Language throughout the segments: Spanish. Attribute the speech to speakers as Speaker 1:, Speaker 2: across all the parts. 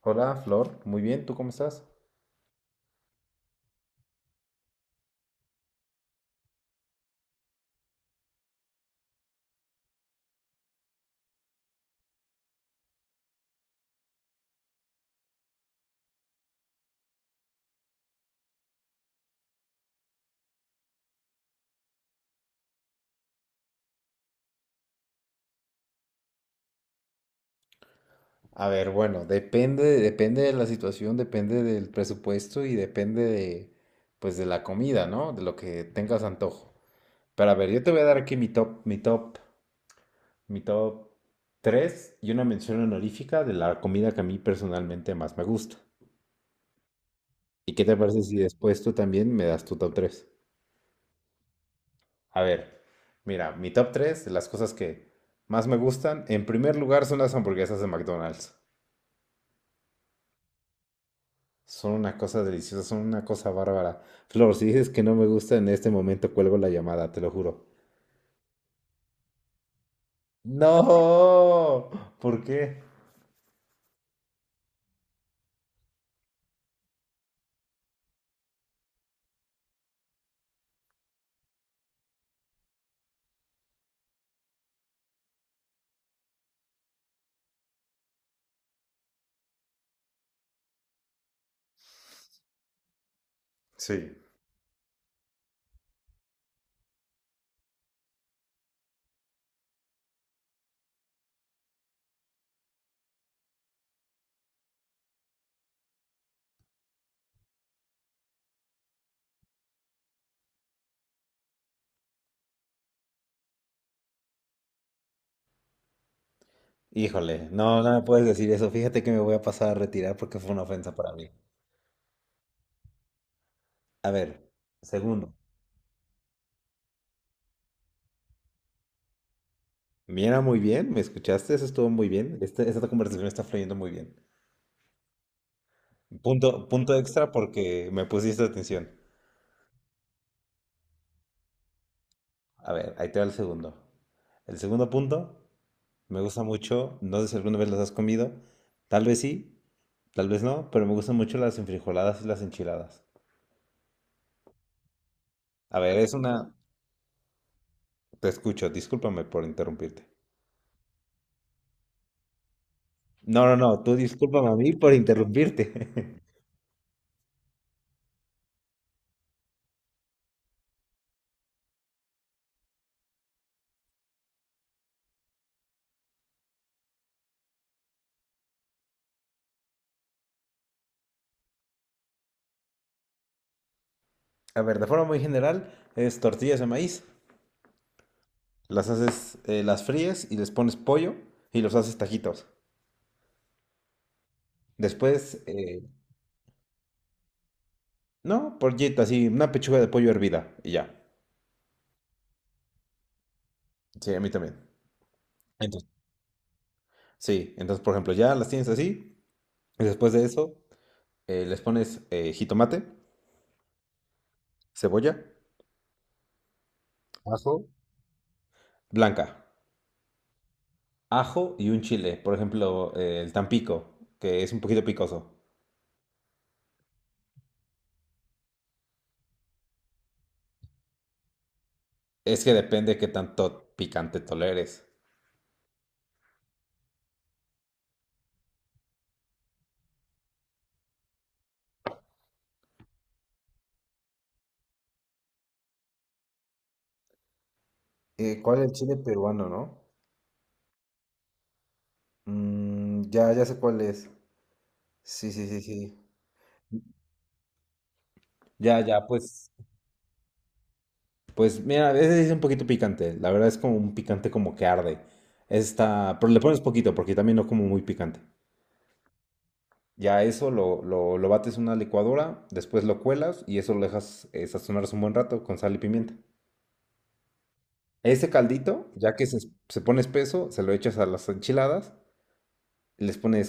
Speaker 1: Hola, Flor. Muy bien, ¿tú cómo estás? A ver, bueno, depende, depende de la situación, depende del presupuesto y depende de, pues, de la comida, ¿no? De lo que tengas antojo. Pero a ver, yo te voy a dar aquí mi top, mi top, mi top 3 y una mención honorífica de la comida que a mí personalmente más me gusta. ¿Y qué te parece si después tú también me das tu top 3? A ver, mira, mi top 3, de las cosas que más me gustan, en primer lugar son las hamburguesas de McDonald's. Son una cosa deliciosa, son una cosa bárbara. Flor, si dices que no me gusta en este momento, cuelgo la llamada, te lo juro. No, ¿por qué? Sí. Híjole, no, no me puedes decir eso. Fíjate que me voy a pasar a retirar porque fue una ofensa para mí. A ver, segundo. Mira, muy bien, ¿me escuchaste? Eso estuvo muy bien. Esta conversación está fluyendo muy bien. Punto, punto extra porque me pusiste atención. A ver, ahí te va el segundo. El segundo punto me gusta mucho, no sé si alguna vez las has comido, tal vez sí, tal vez no, pero me gustan mucho las enfrijoladas y las enchiladas. A ver, es una... Te escucho, discúlpame por interrumpirte. No, no, no, tú discúlpame a mí por interrumpirte. A ver, de forma muy general, es tortillas de maíz. Las haces, las fríes y les pones pollo y los haces tajitos. Después, no, pollito, así, una pechuga de pollo hervida y ya. Sí, a mí también. Entonces, sí, entonces, por ejemplo, ya las tienes así y después de eso... les pones jitomate, cebolla. Ajo. Blanca, ajo y un chile. Por ejemplo, el tampico, que es un poquito picoso. Es que depende qué tanto picante toleres. ¿Cuál es el chile peruano, no? Mm, ya, ya sé cuál es. Sí, sí, sí, sí. Ya, ya, pues, pues mira, a veces es un poquito picante. La verdad es como un picante como que arde. Está, pero le pones poquito porque también no como muy picante. Ya eso lo bates en una licuadora, después lo cuelas y eso lo dejas sazonarse un buen rato con sal y pimienta. Ese caldito, ya que se pone espeso, se lo echas a las enchiladas, les pones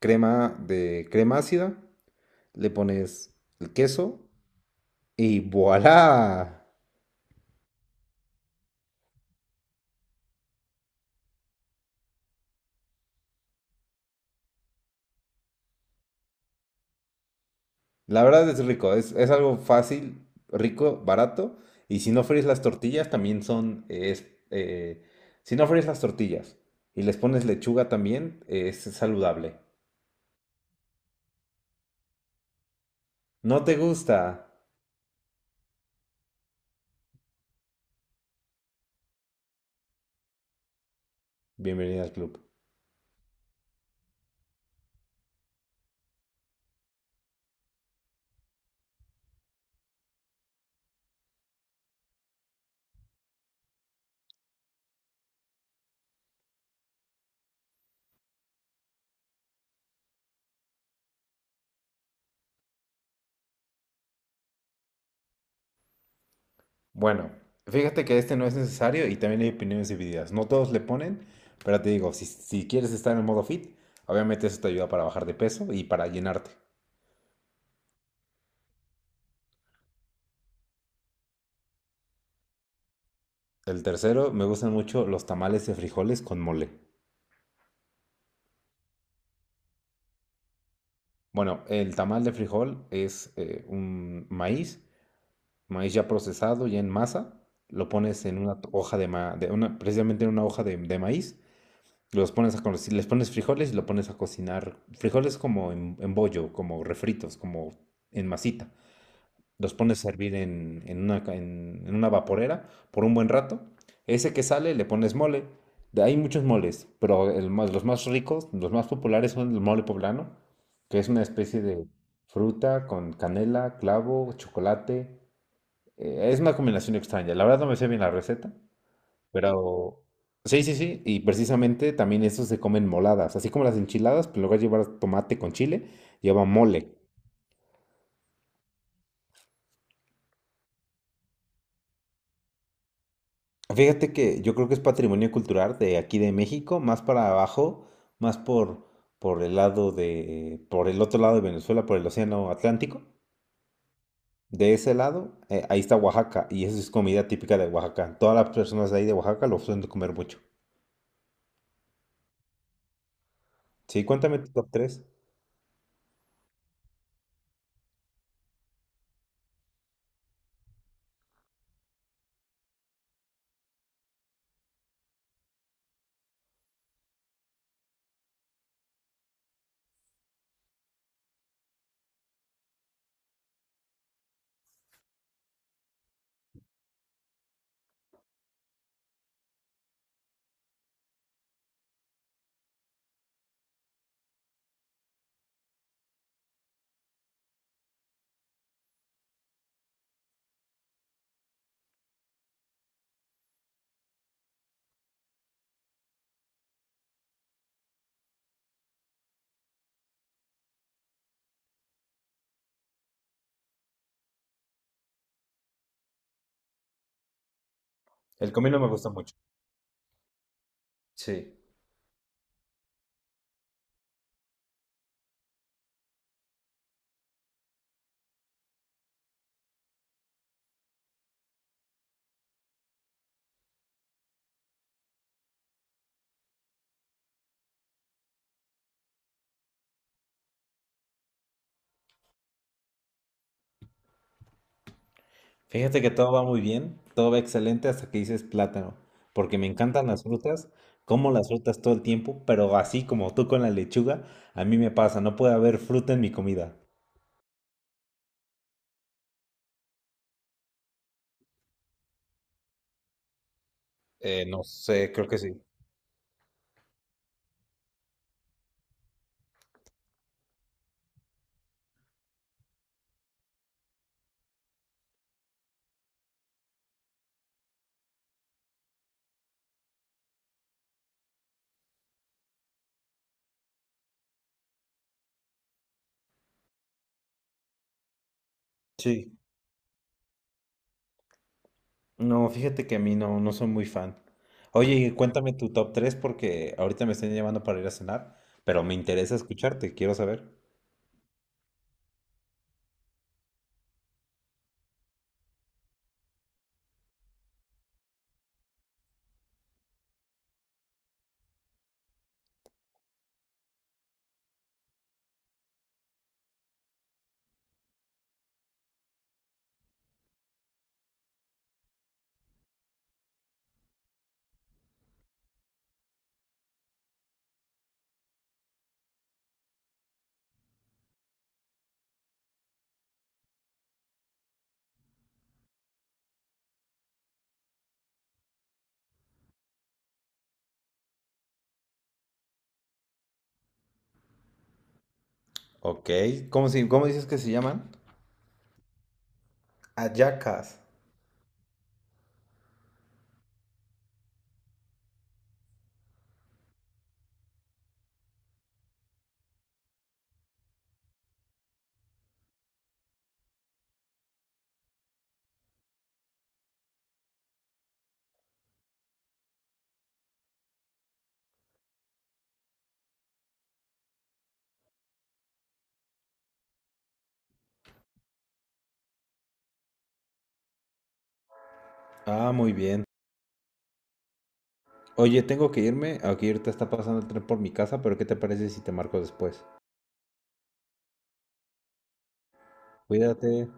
Speaker 1: crema de crema ácida, le pones el queso y ¡voilá! La verdad es rico, es algo fácil, rico, barato. Y si no fríes las tortillas, también son... es, si no fríes las tortillas y les pones lechuga también, es saludable. ¿No te gusta? Bienvenida al club. Bueno, fíjate que este no es necesario y también hay opiniones divididas. No todos le ponen, pero te digo, si, si quieres estar en el modo fit, obviamente eso te ayuda para bajar de peso y para llenarte. El tercero, me gustan mucho los tamales de frijoles con mole. Bueno, el tamal de frijol es un maíz, maíz ya procesado, ya en masa. Lo pones en una hoja de de una, precisamente en una hoja de maíz. Los pones a conocer, les pones frijoles y lo pones a cocinar. Frijoles como en bollo, como refritos, como en masita. Los pones a hervir en una, en una vaporera por un buen rato. Ese que sale le pones mole. Hay muchos moles, pero los más ricos, los más populares son el mole poblano, que es una especie de fruta con canela, clavo, chocolate. Es una combinación extraña. La verdad no me sé bien la receta, pero sí, sí, sí. Y precisamente también eso se comen moladas. Así como las enchiladas, pero en lugar de llevar tomate con chile, lleva mole. Fíjate que yo creo que es patrimonio cultural de aquí de México, más para abajo, más por el lado de, por el otro lado de Venezuela, por el Océano Atlántico. De ese lado, ahí está Oaxaca, y eso es comida típica de Oaxaca. Todas las personas de ahí de Oaxaca lo suelen comer mucho. Sí, cuéntame tu top tres. El comino me gusta mucho. Sí. Fíjate que todo va muy bien, todo va excelente hasta que dices plátano, porque me encantan las frutas, como las frutas todo el tiempo, pero así como tú con la lechuga, a mí me pasa, no puede haber fruta en mi comida. No sé, creo que sí. Sí. No, fíjate que a mí no, no soy muy fan. Oye, y cuéntame tu top 3 porque ahorita me están llamando para ir a cenar, pero me interesa escucharte, quiero saber. Ok, ¿cómo, si, cómo dices que se llaman? Ayacas. Ah, muy bien. Oye, tengo que irme. Aquí ahorita está pasando el tren por mi casa, pero ¿qué te parece si te marco después? Cuídate.